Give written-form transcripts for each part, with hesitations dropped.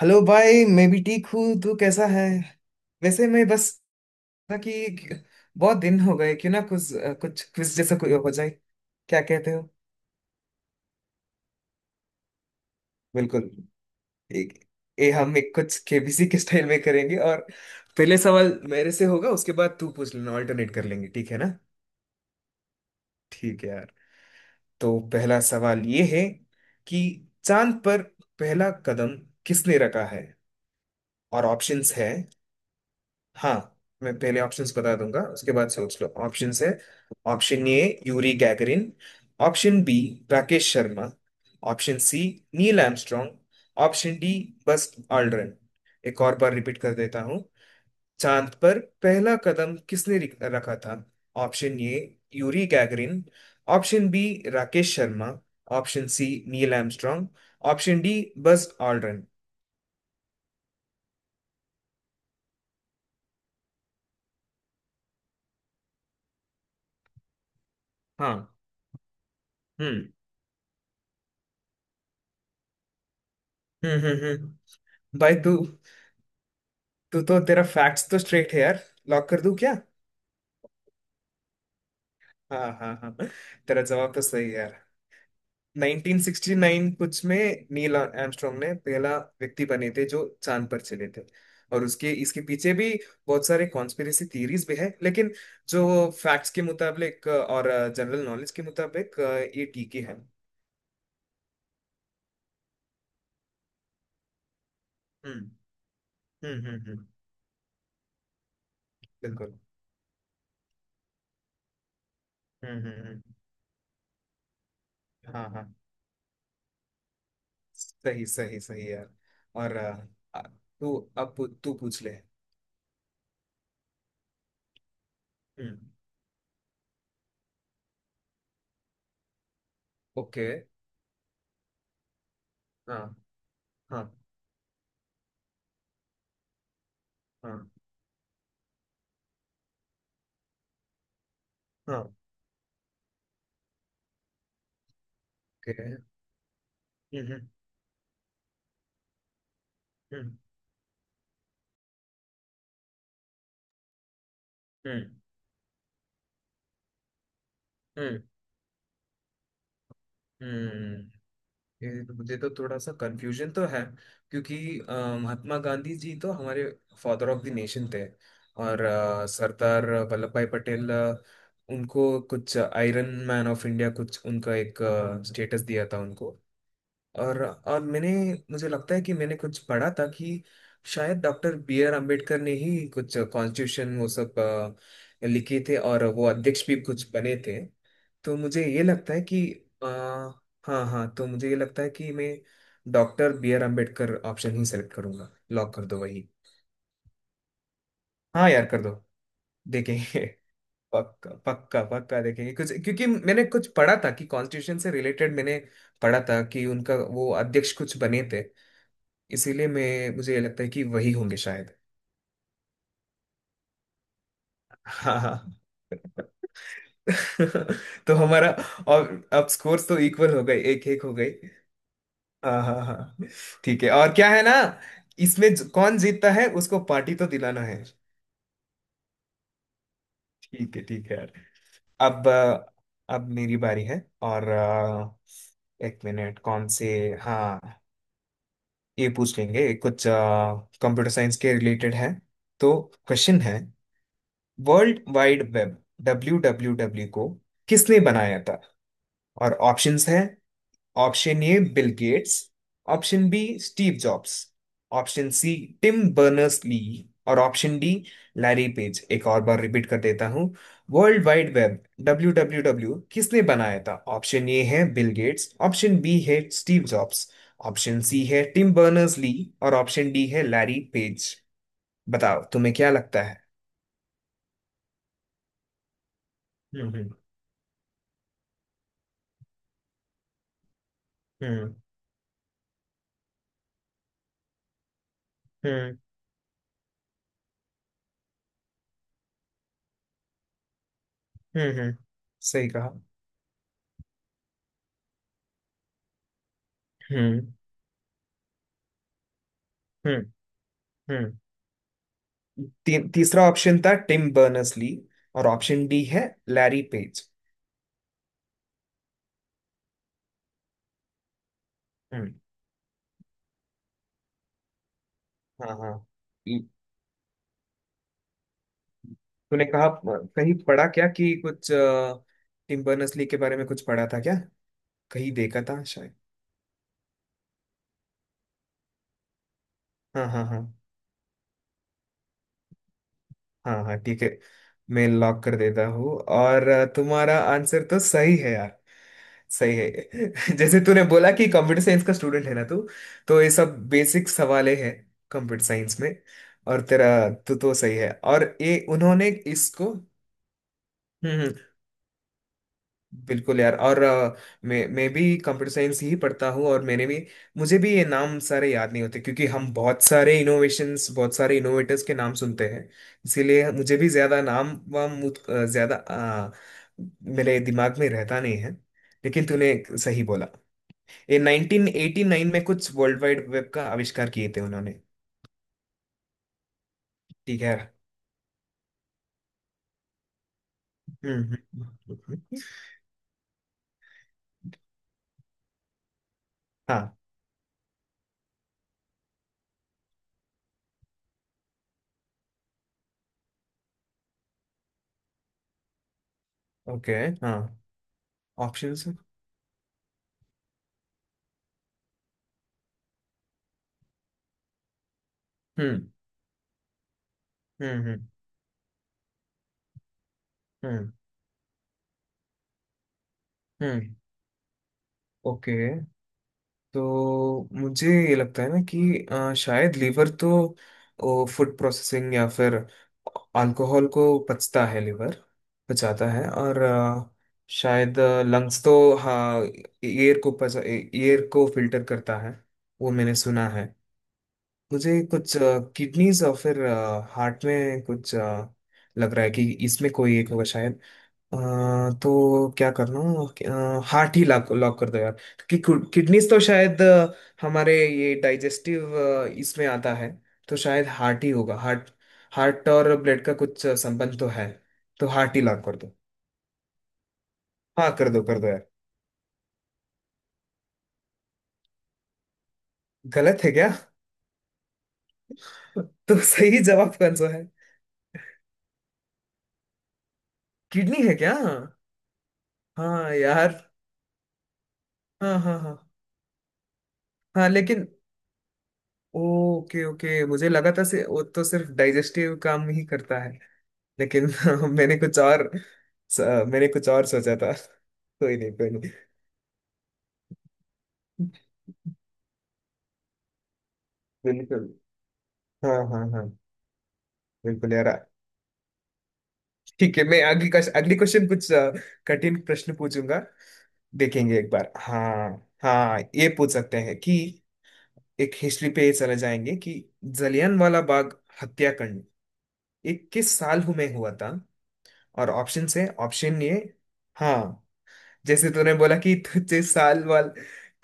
Hello भाई मैं भी ठीक हूँ। तू कैसा है? वैसे मैं बस था कि बहुत दिन हो गए, क्यों ना कुछ कुछ क्विज जैसा कोई हो जाए। क्या कहते हो? बिल्कुल। एक, ये हम एक कुछ केबीसी के स्टाइल में करेंगे और पहले सवाल मेरे से होगा, उसके बाद तू पूछ लेना। ऑल्टरनेट कर लेंगे, ठीक है ना। ठीक है यार। तो पहला सवाल ये है कि चांद पर पहला कदम किसने रखा है, और ऑप्शंस है। हाँ, मैं पहले ऑप्शंस बता दूंगा उसके बाद सोच लो। ऑप्शंस है option A Yuri Gagarin, option B Rakesh Sharma, option C Neil Armstrong, option D Buzz Aldrin. एक और बार रिपीट कर देता हूँ। चांद पर पहला कदम किसने रखा था? Option A Yuri Gagarin, option B Rakesh Sharma, option C Neil Armstrong, option D Buzz Aldrin. हाँ। हम्म। हम्म। हम्म। हम्म। बाय तू। तू तो तेरा फैक्ट्स तो स्ट्रेट है यार। लॉक कर दूं क्या? हाँ हाँ हाँ। तेरा जवाब तो सही है यार। 1969 कुछ में नील आर्मस्ट्रॉन्ग ने पहला व्यक्ति बने थे जो चांद पर चले थे। और उसके इसके पीछे भी बहुत सारे कॉन्स्पिरेसी थीरीज भी है, लेकिन जो फैक्ट्स के मुताबिक और जनरल नॉलेज के मुताबिक ये ठीक ही है। हम्म। हम्म। हम्म। बिल्कुल। हम्म। हम्म। हाँ हाँ, सही सही सही यार। और तू अब तू पूछ ले। हम्म। ओके। हाँ हाँ हाँ हाँ। ओके। हम्म। हम्म। हम्म। हम्म। हम्म। ये तो मुझे तो थोड़ा सा कंफ्यूजन तो है, क्योंकि महात्मा गांधी जी तो हमारे फादर ऑफ द नेशन थे। और सरदार वल्लभ भाई पटेल, उनको कुछ आयरन मैन ऑफ इंडिया, कुछ उनका एक स्टेटस दिया था उनको। और मैंने, मुझे लगता है कि मैंने कुछ पढ़ा था कि शायद डॉक्टर बी आर अम्बेडकर ने ही कुछ कॉन्स्टिट्यूशन वो सब लिखे थे और वो अध्यक्ष भी कुछ बने थे। तो मुझे ये लगता है कि अ, हाँ हाँ, तो मुझे ये लगता है कि मैं doctor B R Ambedkar option ही सेलेक्ट करूंगा। लॉक कर दो वही। हाँ यार कर दो। देखेंगे। पक्का पक्का पक्का देखेंगे कुछ, क्योंकि मैंने कुछ पढ़ा था कि कॉन्स्टिट्यूशन से रिलेटेड मैंने पढ़ा था कि उनका वो अध्यक्ष कुछ बने थे। इसीलिए मैं मुझे ये लगता है कि वही होंगे शायद। हाँ हाँ। तो हमारा, और, अब स्कोर्स तो इक्वल हो गए, एक एक हो गए। हाँ हाँ हाँ। ठीक है और क्या है ना, इसमें कौन जीतता है उसको पार्टी तो दिलाना है। ठीक है ठीक है यार। अब अब मेरी बारी है और एक मिनट, कौन से, हाँ, ये पूछ लेंगे। कुछ कंप्यूटर साइंस के रिलेटेड है, तो क्वेश्चन है world wide web, W W W को किसने बनाया था? और ऑप्शंस हैं option A Bill Gates, option B Steve Jobs, option C Tim Berners Lee, और ऑप्शन डी लैरी पेज। एक और बार रिपीट कर देता हूँ। World wide web, W W W किसने बनाया था? ऑप्शन ए है बिल गेट्स, ऑप्शन बी है स्टीव जॉब्स, ऑप्शन सी है टिम बर्नर्स ली, और ऑप्शन डी है लैरी पेज। बताओ तुम्हें क्या लगता है। हम्म। हम्म। हम्म। हम्म। हम्म, सही कहा। हम्म। हम्म। हम्म। तीसरा ऑप्शन था टिम बर्नर्स ली, और ऑप्शन डी है लैरी पेज। हम्म। हाँ हाँ। ये- तूने कहा कहीं पढ़ा क्या, कि कुछ टिम बर्नर्स ली के बारे में कुछ पढ़ा था क्या, कहीं देखा था शायद। हाँ हाँ हाँ हाँ हाँ ठीक है, मैं लॉक कर देता हूँ। और तुम्हारा आंसर तो सही है यार। सही है। जैसे तूने बोला कि कंप्यूटर साइंस का स्टूडेंट है ना तू, तो ये सब बेसिक सवाले हैं कंप्यूटर साइंस में। और तेरा, तू तो सही है। और ये उन्होंने इसको। हम्म हम्म, बिल्कुल यार। और मैं भी कंप्यूटर साइंस ही पढ़ता हूँ, और मैंने भी, मुझे भी ये नाम सारे याद नहीं होते, क्योंकि हम बहुत सारे इनोवेशंस बहुत सारे इनोवेटर्स के नाम सुनते हैं। इसीलिए मुझे भी ज्यादा नाम वाम, ज्यादा मेरे दिमाग में रहता नहीं है। लेकिन तूने सही बोला। ये 1989 में कुछ वर्ल्ड वाइड वेब का आविष्कार किए थे उन्होंने। ठीक है। हम्म। हम्म। हम्म। हम्म। हाँ। ओके। हाँ। ऑप्शंस। हम्म। हम्म। हम्म। हम्म। हम्म, ओके। तो मुझे ये लगता है ना, कि शायद लीवर तो फूड प्रोसेसिंग या फिर अल्कोहल को पचता है लीवर, पचाता है। और शायद लंग्स तो, हाँ, एयर को पचा एयर को फिल्टर करता है, वो मैंने सुना है। मुझे कुछ किडनीज और फिर हार्ट में कुछ लग रहा है कि इसमें कोई एक होगा शायद। अ, तो क्या करना, हार्ट ही लॉक लॉक कर दो यार। कि किडनीज तो शायद हमारे ये डाइजेस्टिव इसमें आता है। तो शायद हार्ट ही होगा, हार्ट। हार्ट और ब्लड का कुछ संबंध तो है, तो हार्ट ही लॉक कर दो। हाँ कर दो यार। गलत है क्या? तो सही जवाब कौन सा है? किडनी है क्या? हाँ यार। हाँ हाँ हाँ हाँ, लेकिन, ओके ओके, मुझे लगा था से वो तो सिर्फ डाइजेस्टिव काम ही करता है, लेकिन मैंने कुछ और स- मैंने कुछ और सोचा था। कोई नहीं कोई नहीं। बिल्कुल। हाँ हाँ हाँ। बिल्कुल यार। ठीक है, मैं अगली क्वेश्चन कुछ कठिन प्रश्न पूछूंगा। देखेंगे एक बार। हाँ हाँ, ये पूछ सकते हैं कि एक हिस्ट्री पे चले जाएंगे, कि जलियन वाला बाग हत्याकांड, ये किस साल में हुआ था? और ऑप्शन है ऑप्शन ये। हाँ, जैसे तूने बोला कि तुझे साल वाल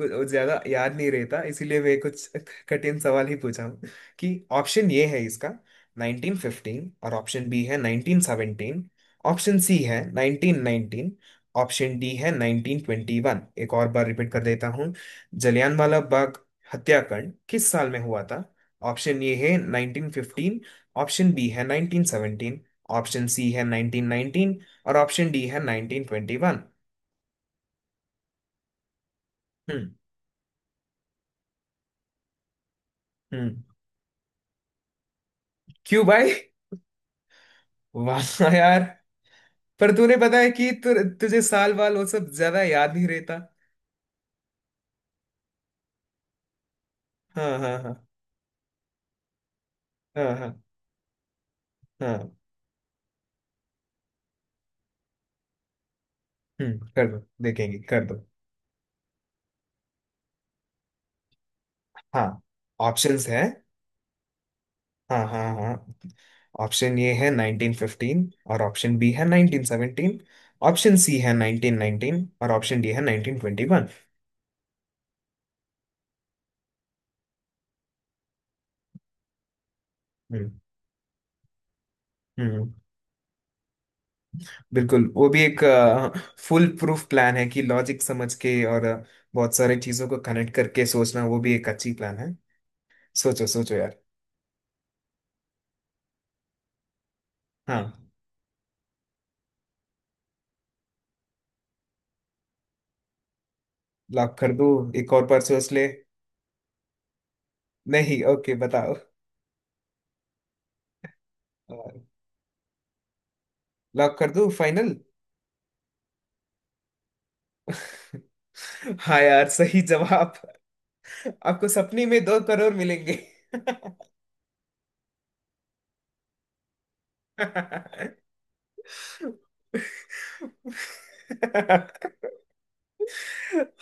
कुछ ज्यादा याद नहीं रहता, इसीलिए मैं कुछ कठिन सवाल ही पूछा हूँ कि ऑप्शन ये है इसका 1915 और ऑप्शन बी है 1917, ऑप्शन सी है 1919, ऑप्शन डी है 1921। एक और बार रिपीट कर देता हूँ। जलियांवाला बाग हत्याकांड किस साल में हुआ था? ऑप्शन ए है 1915, ऑप्शन बी है 1917, ऑप्शन सी है 1919, और ऑप्शन डी है 1921। हम्म। क्यों भाई? वाह यार। पर तूने पता है कि तुझे साल वाल वो सब ज्यादा याद नहीं रहता। हाँ हाँ हाँ हाँ हाँ हाँ। हम्म, कर दो, देखेंगे, कर दो। हाँ ऑप्शंस है। हाँ हाँ हाँ। ऑप्शन ए है 1915 और ऑप्शन बी है 1917, ऑप्शन सी है 1919 और ऑप्शन डी है 1921। हम्म। हम्म। हम्म। बिल्कुल, वो भी एक फुल प्रूफ प्लान है कि लॉजिक समझ के और बहुत सारे चीजों को कनेक्ट करके सोचना, वो भी एक अच्छी प्लान है। सोचो सोचो यार। हाँ। लॉक कर दूं? एक और बार सोच ले। नहीं, ओके बताओ। लॉक कर दूं फाइनल? हाँ यार सही जवाब। आपको सपने में 2 करोड़ मिलेंगे।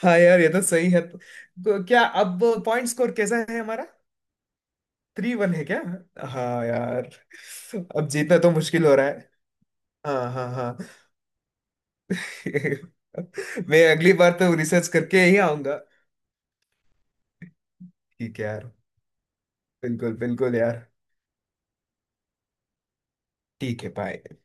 हाँ यार ये तो सही है। तो क्या अब पॉइंट स्कोर कैसा है हमारा? 3-1 है क्या? हाँ यार। अब जीतना तो मुश्किल हो रहा है। हाँ हाँ हाँ। मैं अगली बार तो रिसर्च करके ही आऊंगा। ठीक है यार। बिल्कुल बिल्कुल यार। ठीक है। बाय।